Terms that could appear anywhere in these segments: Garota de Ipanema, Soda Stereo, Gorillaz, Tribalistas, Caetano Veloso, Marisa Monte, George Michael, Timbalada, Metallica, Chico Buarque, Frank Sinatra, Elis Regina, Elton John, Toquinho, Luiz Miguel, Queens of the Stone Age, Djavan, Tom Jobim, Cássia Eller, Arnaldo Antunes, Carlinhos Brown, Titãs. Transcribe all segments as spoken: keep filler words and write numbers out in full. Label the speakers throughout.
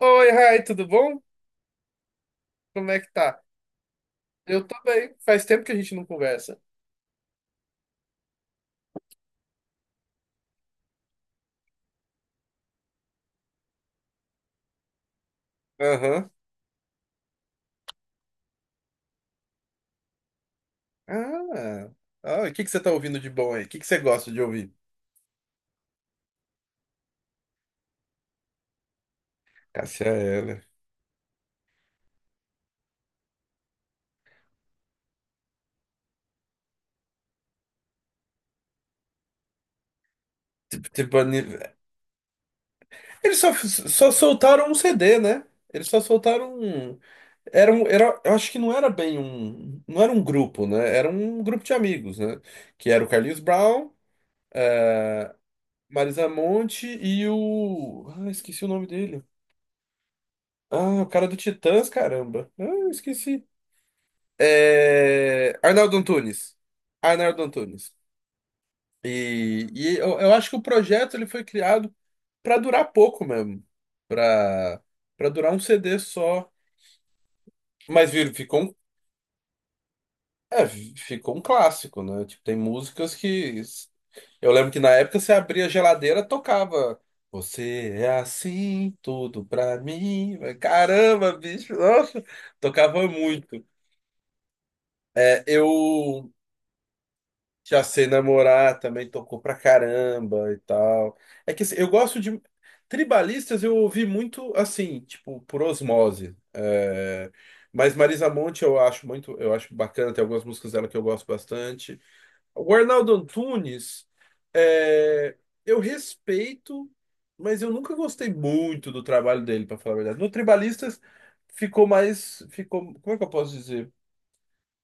Speaker 1: Oi, Rai, tudo bom? Como é que tá? Eu tô bem. Faz tempo que a gente não conversa. Aham. Ah. Ah, e o que que você tá ouvindo de bom aí? O que que você gosta de ouvir? Cássia Eller. Tipo, tipo, ani- eles só, só soltaram um C D, né? Eles só soltaram um... Era um, era, eu acho que não era bem um... Não era um grupo, né? Era um grupo de amigos, né? Que era o Carlinhos Brown, Marisa Monte e o... Ah, esqueci o nome dele. Ah, o cara do Titãs, caramba. Ah, eu esqueci. É, Arnaldo Antunes. Arnaldo Antunes. E, e eu, eu acho que o projeto ele foi criado para durar pouco mesmo. Para para durar um C D só. Mas viu, ficou um, é, ficou um clássico, né? Tipo, tem músicas que. Eu lembro que na época você abria a geladeira, tocava. Você é assim, tudo pra mim. Caramba, bicho, nossa, tocava muito. É, Eu, Já sei namorar também tocou pra caramba e tal. É que assim, eu gosto de. Tribalistas eu ouvi muito assim, tipo, por osmose. É, Mas Marisa Monte eu acho muito, eu acho bacana, tem algumas músicas dela que eu gosto bastante. O Arnaldo Antunes, é, eu respeito, mas eu nunca gostei muito do trabalho dele, pra falar a verdade. No Tribalistas ficou mais, ficou, como é que eu posso dizer?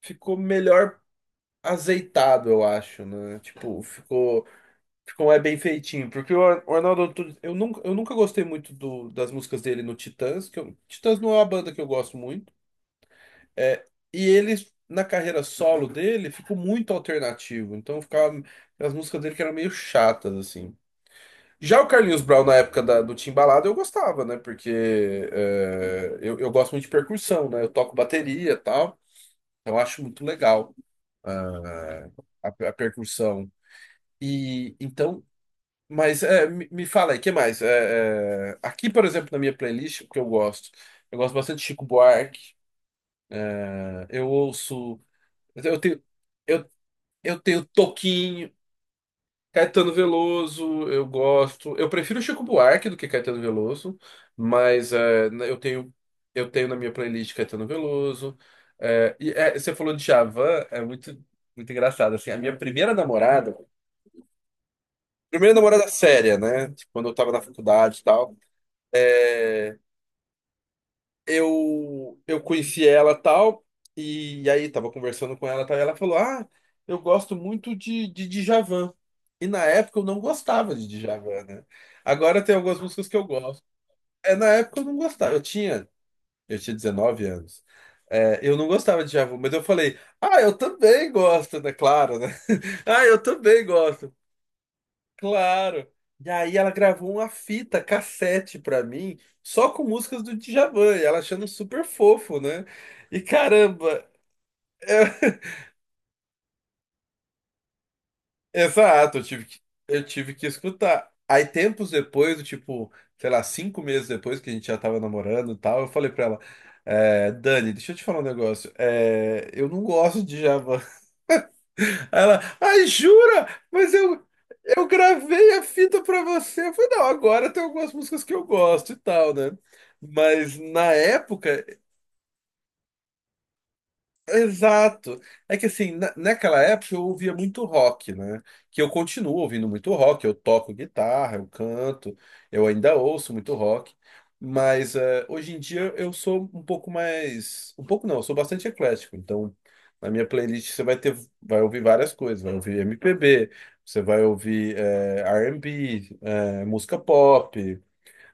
Speaker 1: Ficou melhor azeitado, eu acho, né? Tipo, ficou, ficou é bem feitinho. Porque o Ar- o Arnaldo Antunes, eu nunca, eu nunca gostei muito do, das músicas dele no Titãs, que eu- Titãs não é uma banda que eu gosto muito. É, e ele, na carreira solo dele, ficou muito alternativo. Então ficava as músicas dele que eram meio chatas, assim. Já o Carlinhos Brown, na época da, do Timbalada, eu gostava, né? Porque é, eu, eu gosto muito de percussão, né? Eu toco bateria e tal. Eu acho muito legal ah, a a percussão. E então, mas é, me, me fala aí, o que mais? É, é, aqui, por exemplo, na minha playlist, o que eu gosto? Eu gosto bastante de Chico Buarque, né? Eu ouço, eu tenho, eu, eu tenho Toquinho, Caetano Veloso, eu gosto. Eu prefiro Chico Buarque do que Caetano Veloso, mas é, na- eu tenho, eu tenho na minha playlist Caetano Veloso. É, e é, você falou de Djavan, é muito, muito engraçado assim. A minha primeira namorada. Primeira namorada séria, né? Tipo, quando eu tava na faculdade e tal. É, eu eu conheci ela tal e aí tava conversando com ela tal e ela falou: "Ah, eu gosto muito de de Djavan". E na época eu não gostava de Djavan, né? Agora tem algumas músicas que eu gosto. É, na época eu não gostava. Eu tinha eu tinha dezenove anos. É, eu não gostava de Djavan, mas eu falei: "Ah, eu também gosto", né? Claro, né? "Ah, eu também gosto". Claro. E aí ela gravou uma fita cassete pra mim, só com músicas do Djavan, e ela achando super fofo, né? E caramba, é- exato, eu tive que, eu tive que escutar. Aí tempos depois, do tipo, sei lá, cinco meses depois que a gente já tava namorando e tal, eu falei pra ela, é, Dani, deixa eu te falar um negócio, é, eu não gosto de Djavan. Aí ela, ai, jura? Mas eu, eu gravei a fita pra você. Eu falei, não, agora tem algumas músicas que eu gosto e tal, né? Mas na época. Exato. É que assim, na- naquela época eu ouvia muito rock, né? Que eu continuo ouvindo muito rock, eu toco guitarra, eu canto, eu ainda ouço muito rock. Mas eh, hoje em dia eu sou um pouco mais. Um pouco não, eu sou bastante eclético. Então, na minha playlist você vai ter, vai ouvir várias coisas, vai ouvir M P B, você vai ouvir eh, R and B, eh, música pop,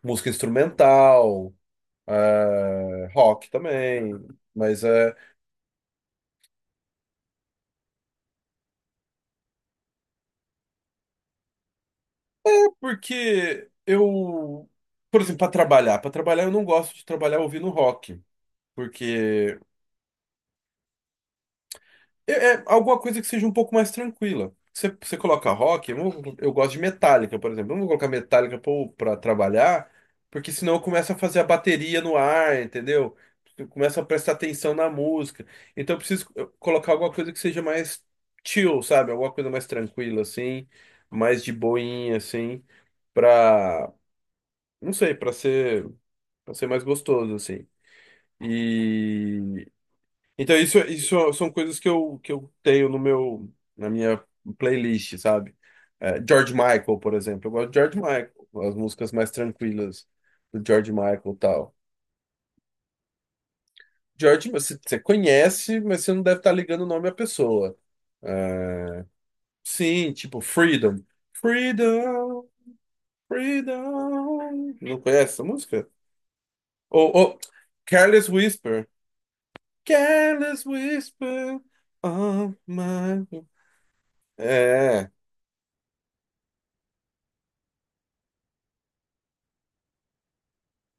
Speaker 1: música instrumental, eh, rock também. Mas é. Porque eu, por exemplo, para trabalhar, para trabalhar eu não gosto de trabalhar ouvindo rock, porque é, é alguma coisa que seja um pouco mais tranquila. Você, você coloca rock, eu, não- eu gosto de Metallica, por exemplo. Eu não vou colocar Metallica para trabalhar, porque senão eu começo a fazer a bateria no ar, entendeu? Eu começo a prestar atenção na música. Então eu preciso eh, colocar alguma coisa que seja mais chill, sabe? Alguma coisa mais tranquila, assim, mais de boinha, assim, pra, não sei, pra ser. Pra ser mais gostoso, assim. E então isso, isso são coisas que eu, que eu tenho no meu, na minha playlist, sabe? É, George Michael, por exemplo. Eu gosto de George Michael, as músicas mais tranquilas do George Michael e tal. George, você, você conhece, mas você não deve estar ligando o nome à pessoa. É, Sim, tipo Freedom. Freedom, Freedom. Não conhece essa música? Ou, ou Careless Whisper. Careless whisper of my... É,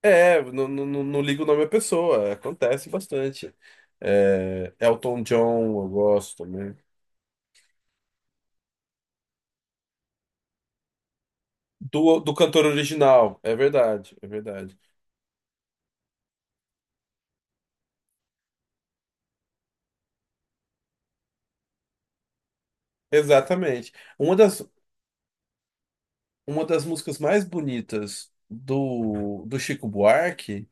Speaker 1: é, não, não, não não ligo o nome da pessoa, acontece bastante. É, Elton John, eu gosto também. Do, do cantor original, é verdade, é verdade. Exatamente. Uma das, uma das músicas mais bonitas do, do Chico Buarque,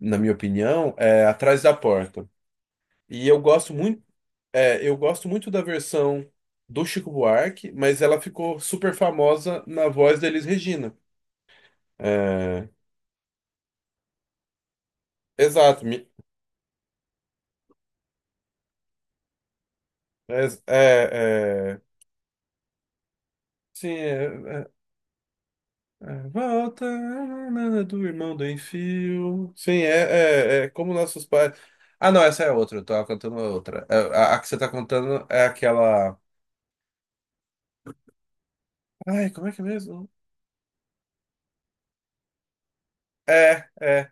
Speaker 1: na minha opinião, é Atrás da Porta. E eu gosto muito. É, eu gosto muito da versão do Chico Buarque, mas ela ficou super famosa na voz da Elis Regina. É, exato. mi- É, é, é, sim, é, é, é, volta nanana, do irmão do Enfio. Sim, é, é, é como nossos pais. Ah, não, essa é outra. Eu tava cantando outra. É, A, a que você tá contando é aquela. Ai, como é que é mesmo? É, é.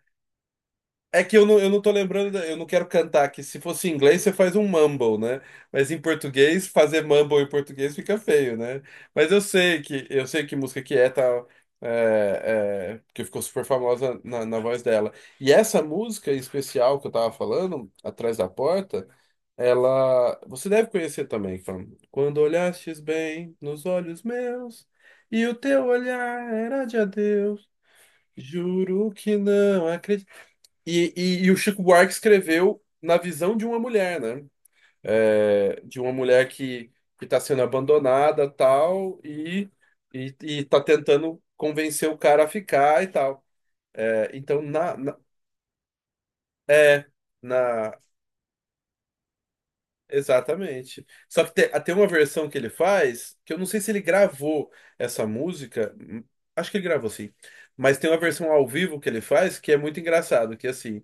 Speaker 1: É que eu não, eu não tô lembrando, da- eu não quero cantar, que se fosse em inglês você faz um mumble, né? Mas em português, fazer mumble em português fica feio, né? Mas eu sei que eu sei que música que é, tal é, é, porque ficou super famosa na, na voz dela. E essa música em especial que eu tava falando, Atrás da Porta, ela. Você deve conhecer também, fam. Quando olhastes bem nos olhos meus, e o teu olhar era de adeus. Juro que não. E, e, e o Chico Buarque escreveu na visão de uma mulher, né? É, de uma mulher que que está sendo abandonada, tal, e, e, e tá tentando convencer o cara a ficar e tal. É, então, na, na- é, na, exatamente. Só que tem, tem uma versão que ele faz, que eu não sei se ele gravou essa música, hum, acho que ele gravou sim, mas tem uma versão ao vivo que ele faz que é muito engraçado, que é assim.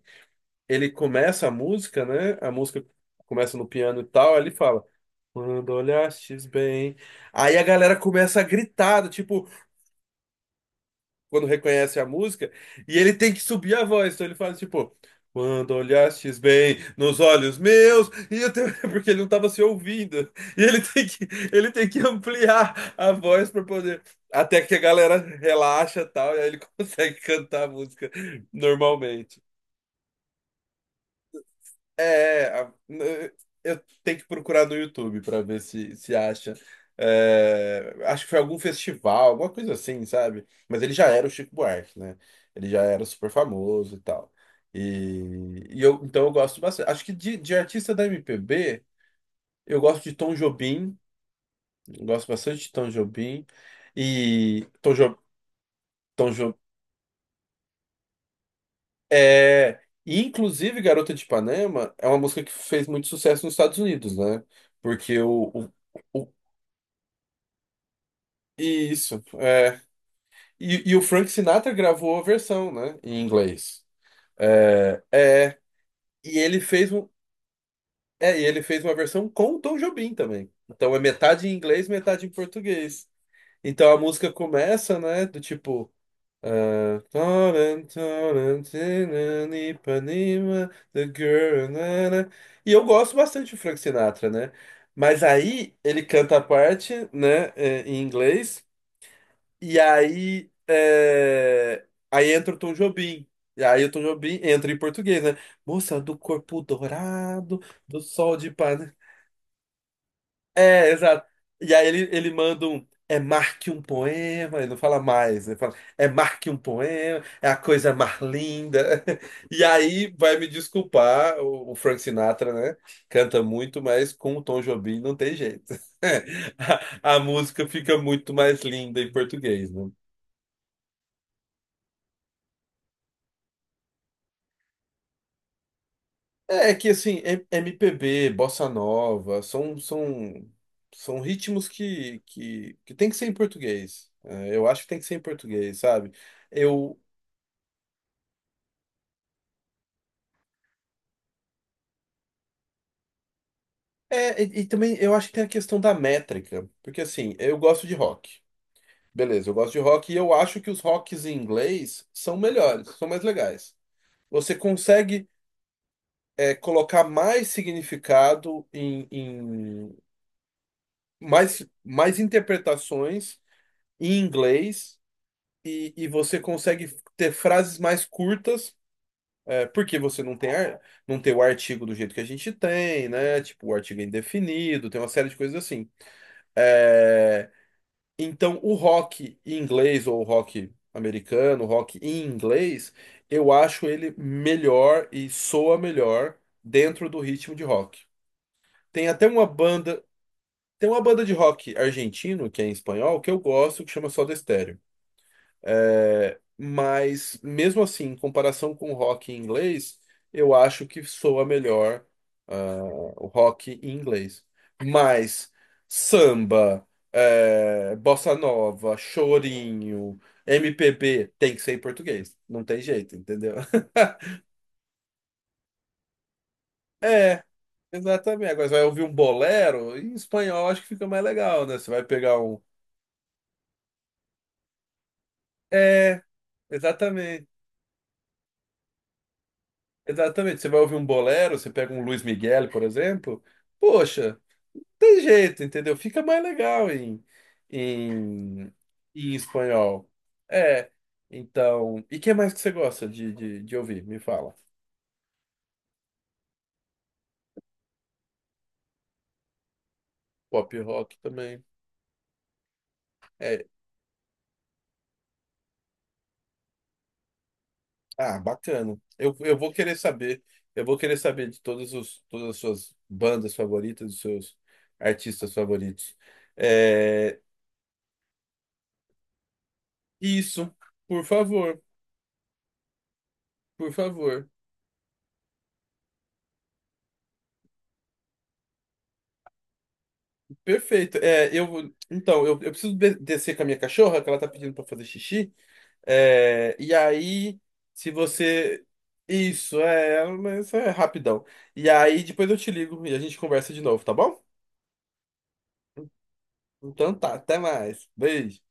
Speaker 1: Ele começa a música, né? A música começa no piano e tal, aí ele fala. Quando olhastes bem. Aí a galera começa a gritar, do tipo, quando reconhece a música, e ele tem que subir a voz. Então ele faz tipo, quando olhastes bem nos olhos meus, e eu tenho... porque ele não estava se ouvindo. E ele tem que, ele tem que ampliar a voz para poder. Até que a galera relaxa e tal, e aí ele consegue cantar a música normalmente. É, é, a- eu tenho que procurar no YouTube para ver se se acha. É, acho que foi algum festival, alguma coisa assim, sabe? Mas ele já era o Chico Buarque, né? Ele já era super famoso e tal. E, e eu, então eu gosto bastante. Acho que de, de artista da M P B, eu gosto de Tom Jobim, eu gosto bastante de Tom Jobim. E Tom, jo, Tom Jobim. É, e inclusive Garota de Ipanema é uma música que fez muito sucesso nos Estados Unidos, né? Porque o, o, o- isso, é. E, e o Frank Sinatra gravou a versão, né, em inglês. É, é, e ele fez um, é, e ele fez uma versão com o Tom Jobim também. Então é metade em inglês, metade em português. Então a música começa, né, do tipo Uh, Florentina, Ipanema, The Girl. Na, na. E eu gosto bastante do Frank Sinatra, né? Mas aí ele canta a parte, né, é, em inglês, e aí, é, aí entra o Tom Jobim. E aí o Tom Jobim entra em português, né? Moça do corpo dourado, do sol de Ipanema. É, exato. E aí ele, ele manda um. É marque um poema, ele não fala mais, ele fala, é marque um poema, é a coisa mais linda. E aí vai me desculpar, o, o Frank Sinatra, né? Canta muito, mas com o Tom Jobim não tem jeito. A, a música fica muito mais linda em português, né? É que assim, M- MPB, bossa nova, são, são, são ritmos que, que, que tem que ser em português. É, eu acho que tem que ser em português, sabe? Eu, é, e, e também eu acho que tem a questão da métrica, porque assim, eu gosto de rock. Beleza, eu gosto de rock e eu acho que os rocks em inglês são melhores, são mais legais. Você consegue, é, colocar mais significado em, em mais, mais interpretações em inglês e, e você consegue ter frases mais curtas, é, porque você não tem, ar- não tem o artigo do jeito que a gente tem, né? Tipo, o artigo é indefinido, tem uma série de coisas assim. É, então, o rock em inglês ou o rock americano, o rock em inglês, eu acho ele melhor e soa melhor dentro do ritmo de rock. Tem até uma banda, tem uma banda de rock argentino, que é em espanhol, que eu gosto, que chama Soda Stereo. É, mas, mesmo assim, em comparação com o rock em inglês, eu acho que soa melhor, ah, o rock em inglês. Mas samba, é, bossa nova, chorinho, M P B, tem que ser em português. Não tem jeito, entendeu? É, exatamente. Agora você vai ouvir um bolero, em espanhol acho que fica mais legal, né? Você vai pegar um. É, exatamente. Exatamente, você vai ouvir um bolero, você pega um Luiz Miguel, por exemplo, poxa, tem jeito, entendeu? Fica mais legal em, em, em espanhol. É, então. E que mais que você gosta de, de, de ouvir? Me fala. Pop rock também. É, ah, bacana. Eu, eu vou querer saber. Eu vou querer saber de todas os, todas as suas bandas favoritas, dos seus artistas favoritos. É, isso, por favor, por favor. Perfeito. É, eu, então, eu, eu preciso de- descer com a minha cachorra, que ela tá pedindo pra fazer xixi. É, e aí, se você. Isso, é, mas é rapidão. E aí, depois eu te ligo e a gente conversa de novo, tá bom? Então tá, até mais. Beijo.